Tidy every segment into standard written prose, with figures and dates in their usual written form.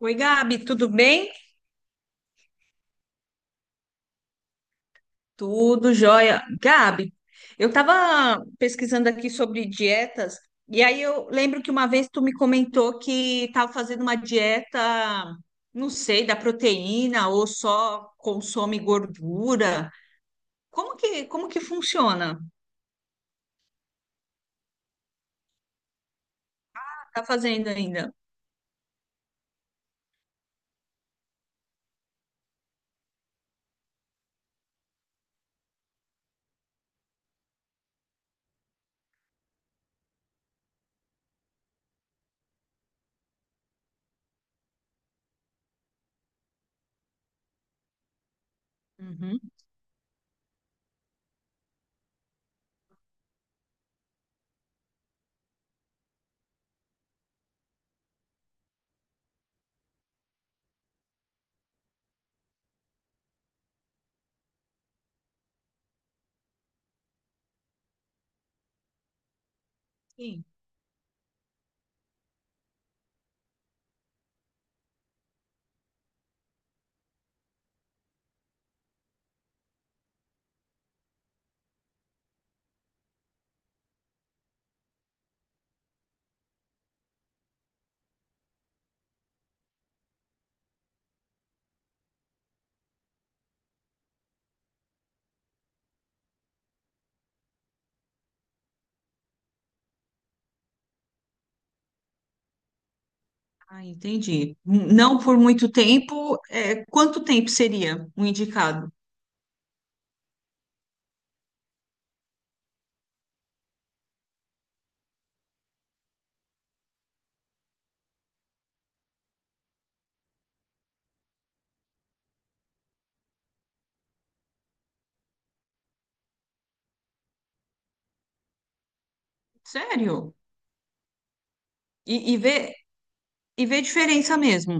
Oi, Gabi, tudo bem? Tudo jóia. Gabi, eu estava pesquisando aqui sobre dietas, e aí eu lembro que uma vez tu me comentou que estava fazendo uma dieta, não sei, da proteína ou só consome gordura. Como que funciona? Tá fazendo ainda? Uhum, sim. Ah, entendi. Não por muito tempo, é, quanto tempo seria o indicado? Sério? E, e vê, e vê diferença mesmo.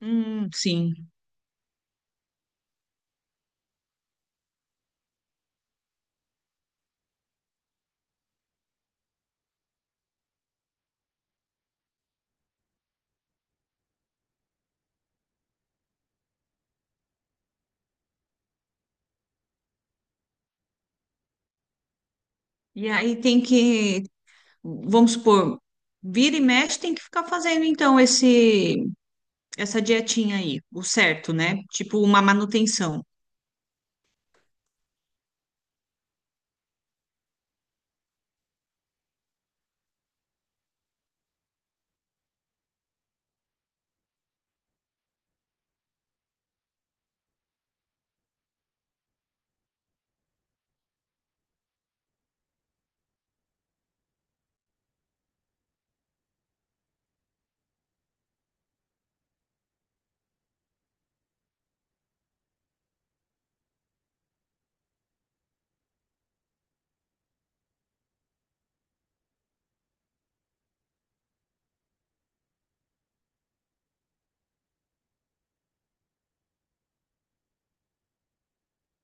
Sim. E aí tem que, vamos supor, vira e mexe, tem que ficar fazendo então esse essa dietinha aí, o certo, né? Tipo uma manutenção.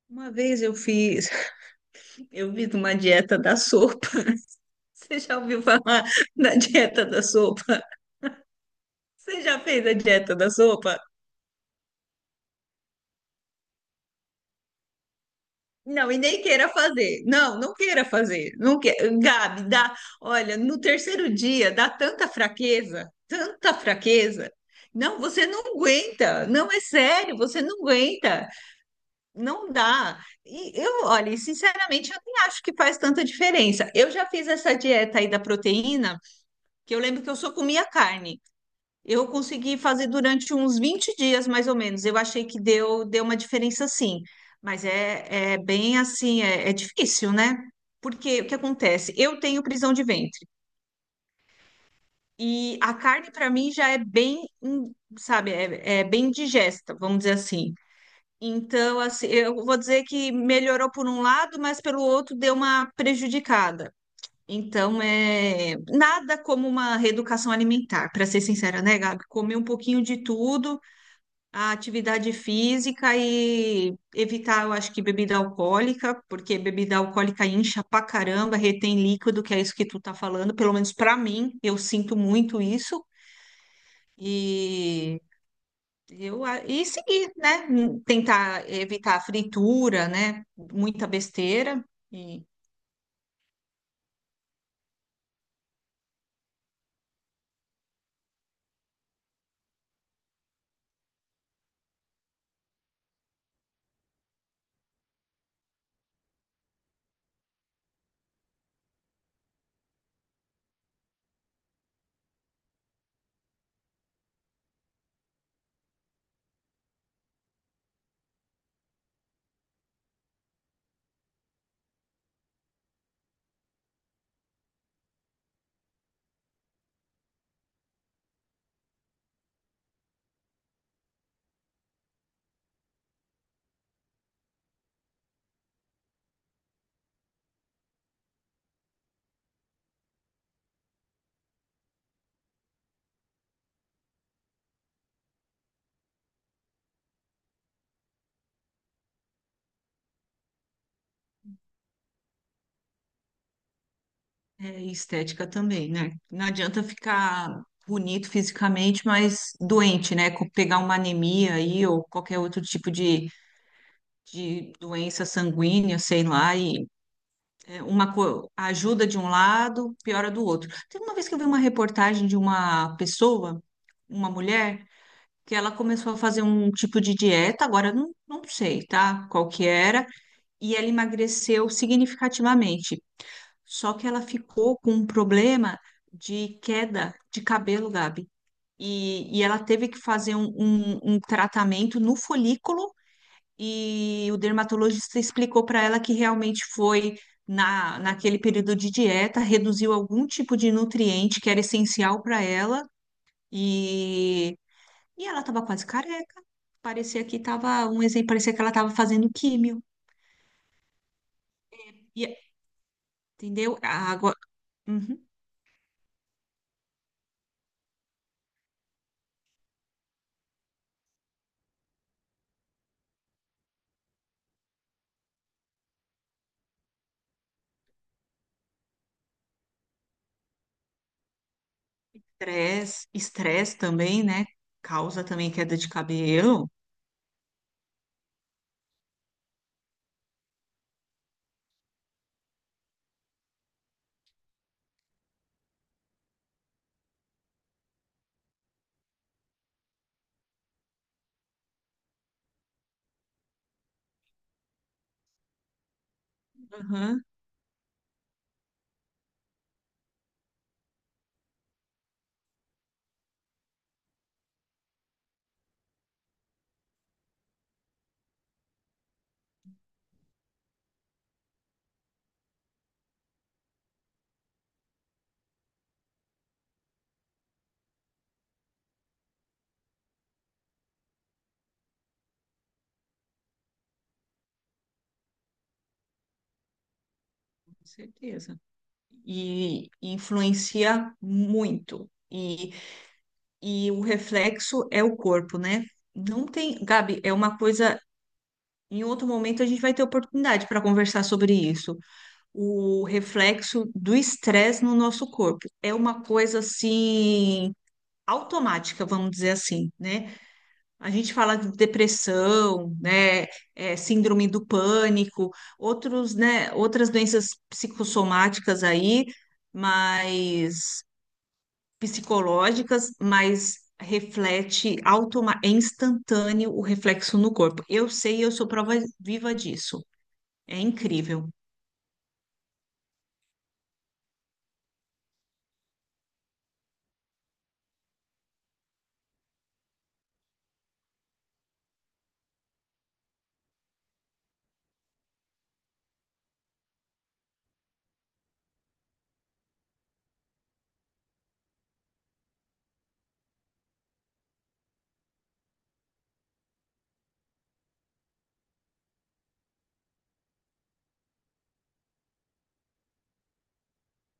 Uma vez eu fiz, eu fiz uma dieta da sopa. Você já ouviu falar da dieta da sopa? Você já fez a dieta da sopa? Não, e nem queira fazer. Não, não queira fazer. Não que... Gabi, dá. Olha, no terceiro dia dá tanta fraqueza, tanta fraqueza. Não, você não aguenta. Não é sério, você não aguenta. Não dá. E eu, olha, e sinceramente, eu nem acho que faz tanta diferença. Eu já fiz essa dieta aí da proteína, que eu lembro que eu só comia carne. Eu consegui fazer durante uns 20 dias, mais ou menos. Eu achei que deu, deu uma diferença, sim. Mas é bem assim, é difícil, né? Porque o que acontece? Eu tenho prisão de ventre. E a carne, para mim, já é bem, sabe, é bem digesta, vamos dizer assim. Então, assim, eu vou dizer que melhorou por um lado, mas pelo outro deu uma prejudicada. Então, é nada como uma reeducação alimentar, para ser sincera, né, Gabi? Comer um pouquinho de tudo, a atividade física e evitar, eu acho que bebida alcoólica, porque bebida alcoólica incha pra caramba, retém líquido, que é isso que tu tá falando, pelo menos pra mim, eu sinto muito isso. E e seguir, né? Tentar evitar a fritura, né? Muita besteira e é, estética também, né? Não adianta ficar bonito fisicamente, mas doente, né? Pegar uma anemia aí ou qualquer outro tipo de doença sanguínea, sei lá, e é, ajuda de um lado, piora do outro. Teve uma vez que eu vi uma reportagem de uma pessoa, uma mulher, que ela começou a fazer um tipo de dieta, agora eu não sei, tá? Qual que era, e ela emagreceu significativamente. Só que ela ficou com um problema de queda de cabelo, Gabi. E ela teve que fazer um tratamento no folículo e o dermatologista explicou para ela que realmente foi naquele período de dieta, reduziu algum tipo de nutriente que era essencial para ela e, e ela estava quase careca. Parecia que estava um exemplo, parecia que ela estava fazendo químio. E, entendeu? A água, uhum. Estresse, estresse também, né? Causa também queda de cabelo. Aham, com certeza. E influencia muito. E o reflexo é o corpo, né? Não tem, Gabi, é uma coisa. Em outro momento a gente vai ter oportunidade para conversar sobre isso. O reflexo do estresse no nosso corpo é uma coisa assim automática, vamos dizer assim, né? A gente fala de depressão, né? É, síndrome do pânico, outros, né? Outras doenças psicossomáticas aí, mas psicológicas, mas reflete automa é instantâneo o reflexo no corpo. Eu sei, eu sou prova viva disso. É incrível.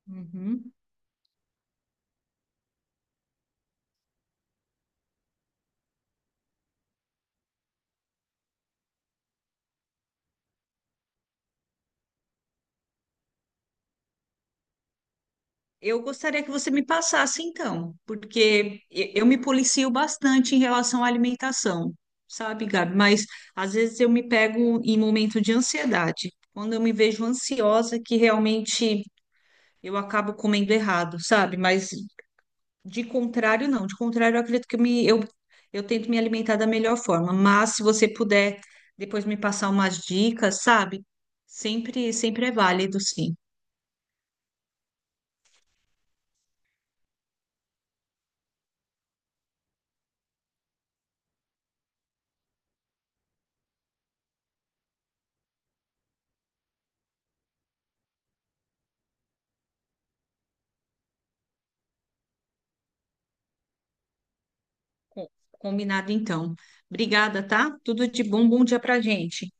Uhum. Eu gostaria que você me passasse então, porque eu me policio bastante em relação à alimentação, sabe, Gabi? Mas às vezes eu me pego em momento de ansiedade, quando eu me vejo ansiosa, que realmente eu acabo comendo errado, sabe? Mas de contrário, não. De contrário, eu acredito que eu tento me alimentar da melhor forma. Mas se você puder depois me passar umas dicas, sabe? Sempre, sempre é válido, sim. Combinado, então. Obrigada, tá? Tudo de bom, bom dia pra gente.